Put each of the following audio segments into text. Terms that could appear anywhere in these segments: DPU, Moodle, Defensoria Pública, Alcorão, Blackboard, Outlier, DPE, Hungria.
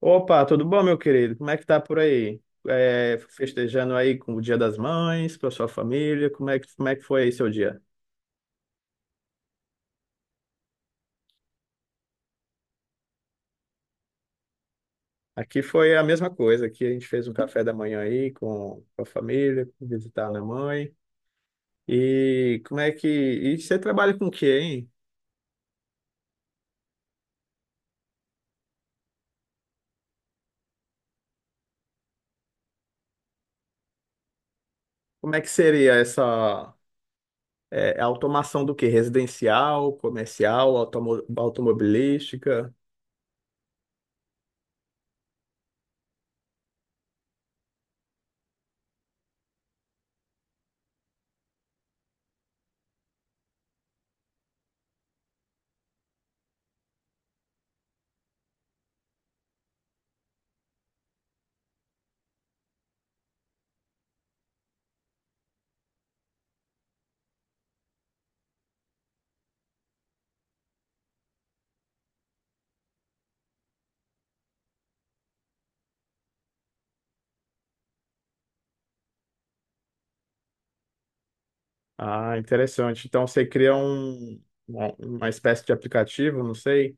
Opa, tudo bom, meu querido? Como é que tá por aí? Festejando aí com o Dia das Mães, com a sua família, como é que foi aí seu dia? Aqui foi a mesma coisa, aqui a gente fez um café da manhã aí com a família, visitar a minha mãe. E como é que... E você trabalha com o quê, hein? Como é que seria essa automação do quê? Residencial, comercial, automobilística? Ah, interessante. Então você cria um, uma espécie de aplicativo, não sei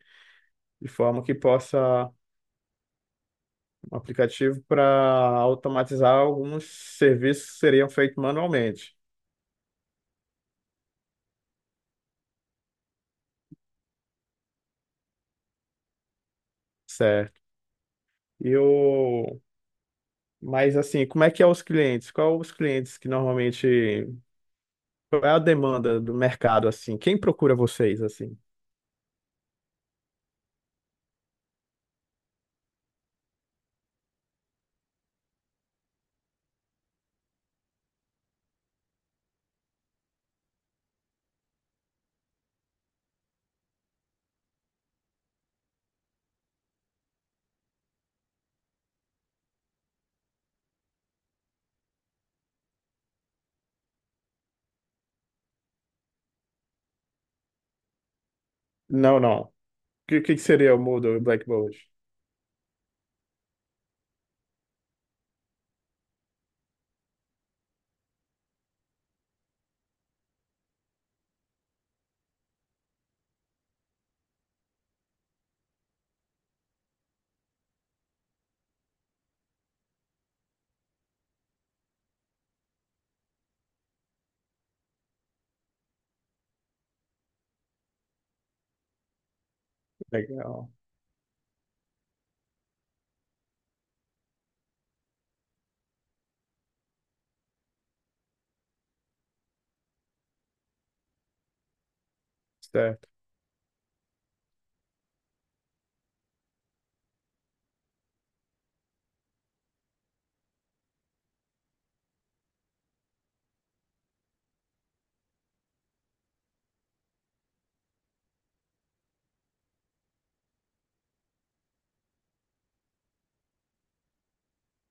de forma que possa um aplicativo para automatizar alguns serviços que seriam feitos manualmente, certo? E o mas assim, como é que é os clientes? Qual os clientes que normalmente qual é a demanda do mercado assim? Quem procura vocês assim? Não, não. O que que seria o Moodle e o Blackboard? Legal, certo.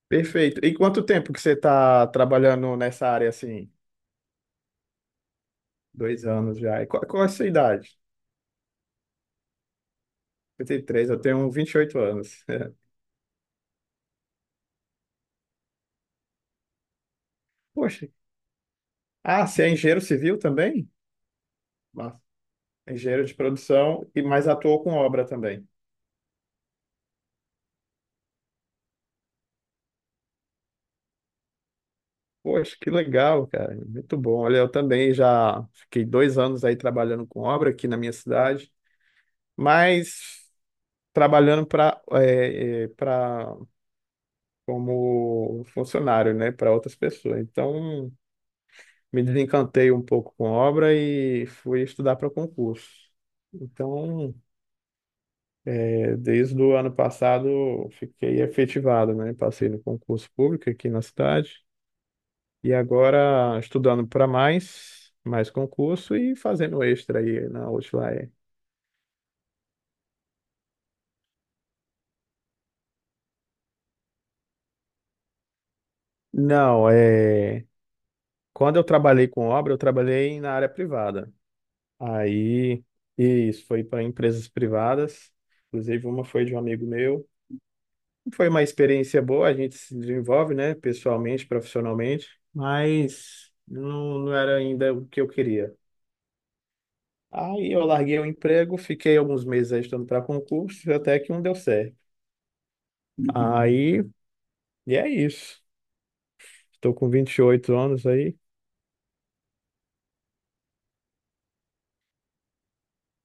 Perfeito. E quanto tempo que você está trabalhando nessa área assim? Dois anos já. E qual é a sua idade? Trinta e três. Eu tenho 28 anos. Poxa, ah, você é engenheiro civil também? Mas engenheiro de produção e mais atuou com obra também. Poxa, que legal, cara. Muito bom. Olha, eu também já fiquei dois anos aí trabalhando com obra aqui na minha cidade, mas trabalhando para como funcionário, né, para outras pessoas. Então, me desencantei um pouco com obra e fui estudar para concurso. Então, Desde o ano passado eu fiquei efetivado, né? Passei no concurso público aqui na cidade e agora estudando para mais concurso e fazendo extra aí na Outlier. Não, é... quando eu trabalhei com obra, eu trabalhei na área privada. Aí isso foi para empresas privadas, inclusive uma foi de um amigo meu. Foi uma experiência boa, a gente se desenvolve, né? Pessoalmente, profissionalmente, mas não, não era ainda o que eu queria. Aí eu larguei o emprego, fiquei alguns meses aí estudando para concurso, até que um deu certo. Aí, e é isso. Estou com vinte e oito anos aí.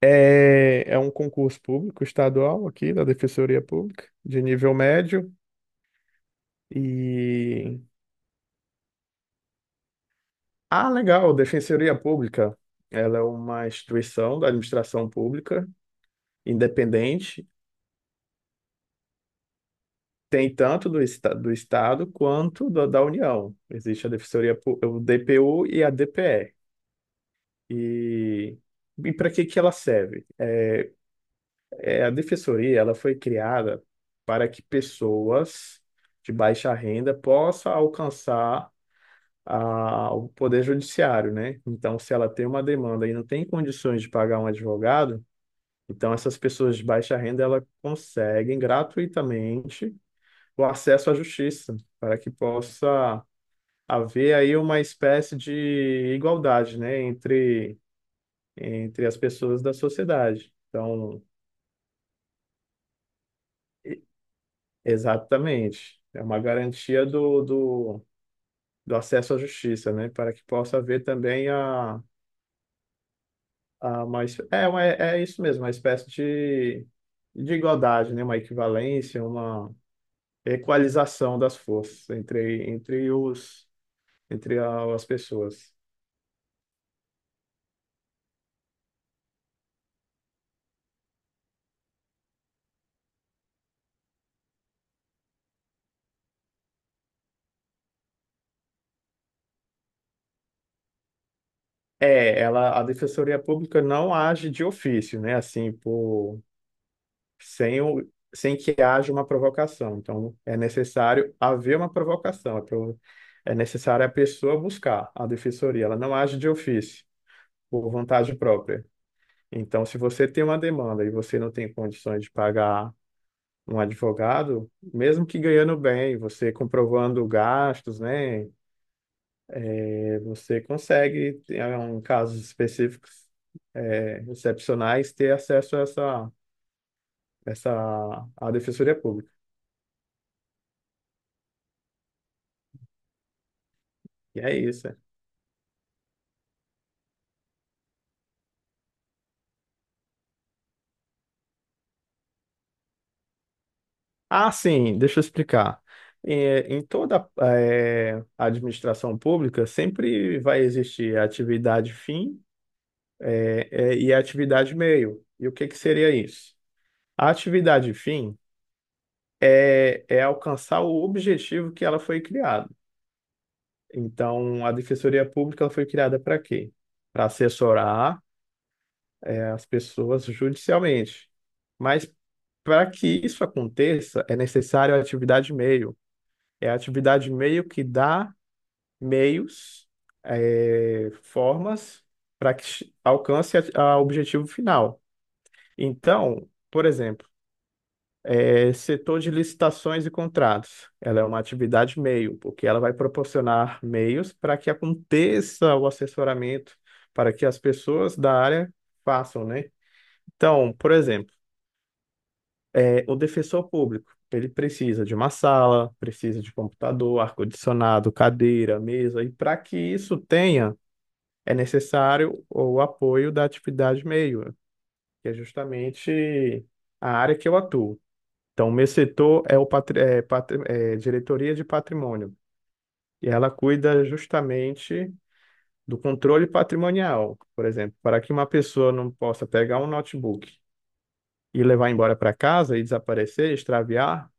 É, é um concurso público estadual aqui da Defensoria Pública, de nível médio. E. Ah, legal, Defensoria Pública. Ela é uma instituição da administração pública independente. Tem tanto do, do Estado quanto da União. Existe a Defensoria, Pú- o DPU e a DPE. E, e para que que ela serve? É, a defensoria, ela foi criada para que pessoas de baixa renda possam alcançar a, o poder judiciário, né? Então, se ela tem uma demanda e não tem condições de pagar um advogado, então essas pessoas de baixa renda, ela conseguem gratuitamente o acesso à justiça, para que possa haver aí uma espécie de igualdade, né, entre as pessoas da sociedade. Então, e- exatamente, é uma garantia do, do acesso à justiça, né? Para que possa haver também a uma, é isso mesmo, uma espécie de igualdade, né? Uma equivalência, uma equalização das forças entre os, as pessoas. É, ela, a Defensoria Pública não age de ofício, né? Assim, por sem o, sem que haja uma provocação. Então, é necessário haver uma provocação, é necessário a pessoa buscar a defensoria, ela não age de ofício, por vontade própria. Então, se você tem uma demanda e você não tem condições de pagar um advogado, mesmo que ganhando bem, você comprovando gastos, né, você consegue, em casos específicos, excepcionais, ter acesso a essa, à defensoria pública. E é isso. Ah, sim, deixa eu explicar. Em toda administração pública sempre vai existir a atividade fim e a atividade meio. E o que que seria isso? A atividade fim é alcançar o objetivo que ela foi criada. Então, a Defensoria Pública ela foi criada para quê? Para assessorar as pessoas judicialmente. Mas para que isso aconteça, é necessário a atividade meio. É a atividade meio que dá meios, formas para que alcance o objetivo final. Então, por exemplo, setor de licitações e contratos, ela é uma atividade meio, porque ela vai proporcionar meios para que aconteça o assessoramento, para que as pessoas da área façam, né? Então, por exemplo, o defensor público, ele precisa de uma sala, precisa de computador, ar-condicionado, cadeira, mesa, e para que isso tenha é necessário o apoio da atividade meio, que é justamente a área que eu atuo. Então, o meu setor é o é, diretoria de patrimônio, e ela cuida justamente do controle patrimonial, por exemplo, para que uma pessoa não possa pegar um notebook e levar embora para casa e desaparecer, extraviar,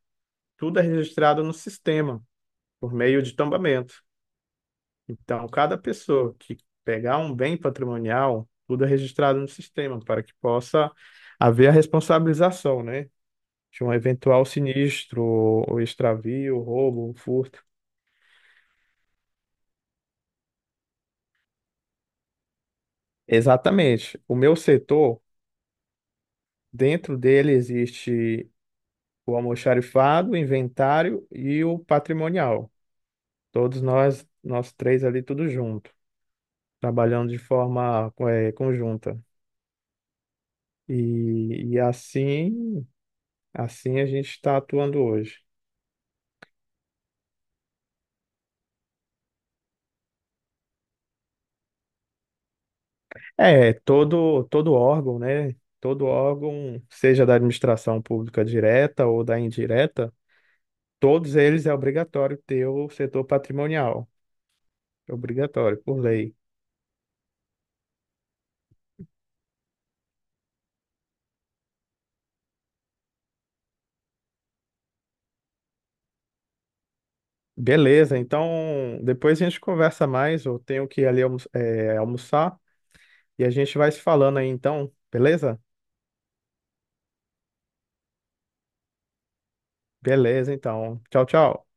tudo é registrado no sistema, por meio de tombamento. Então, cada pessoa que pegar um bem patrimonial, tudo é registrado no sistema para que possa haver a responsabilização, né? De um eventual sinistro, ou extravio, roubo, furto. Exatamente. O meu setor, dentro dele existe o almoxarifado, o inventário e o patrimonial. Todos nós, nós três ali, tudo junto, trabalhando de forma, conjunta. E assim, assim a gente está atuando hoje. É, todo órgão, né? Todo órgão, seja da administração pública direta ou da indireta, todos eles é obrigatório ter o setor patrimonial. É obrigatório, por lei. Beleza, então depois a gente conversa mais. Eu tenho que ir ali almoçar e a gente vai se falando aí então, beleza? Beleza, então. Tchau, tchau.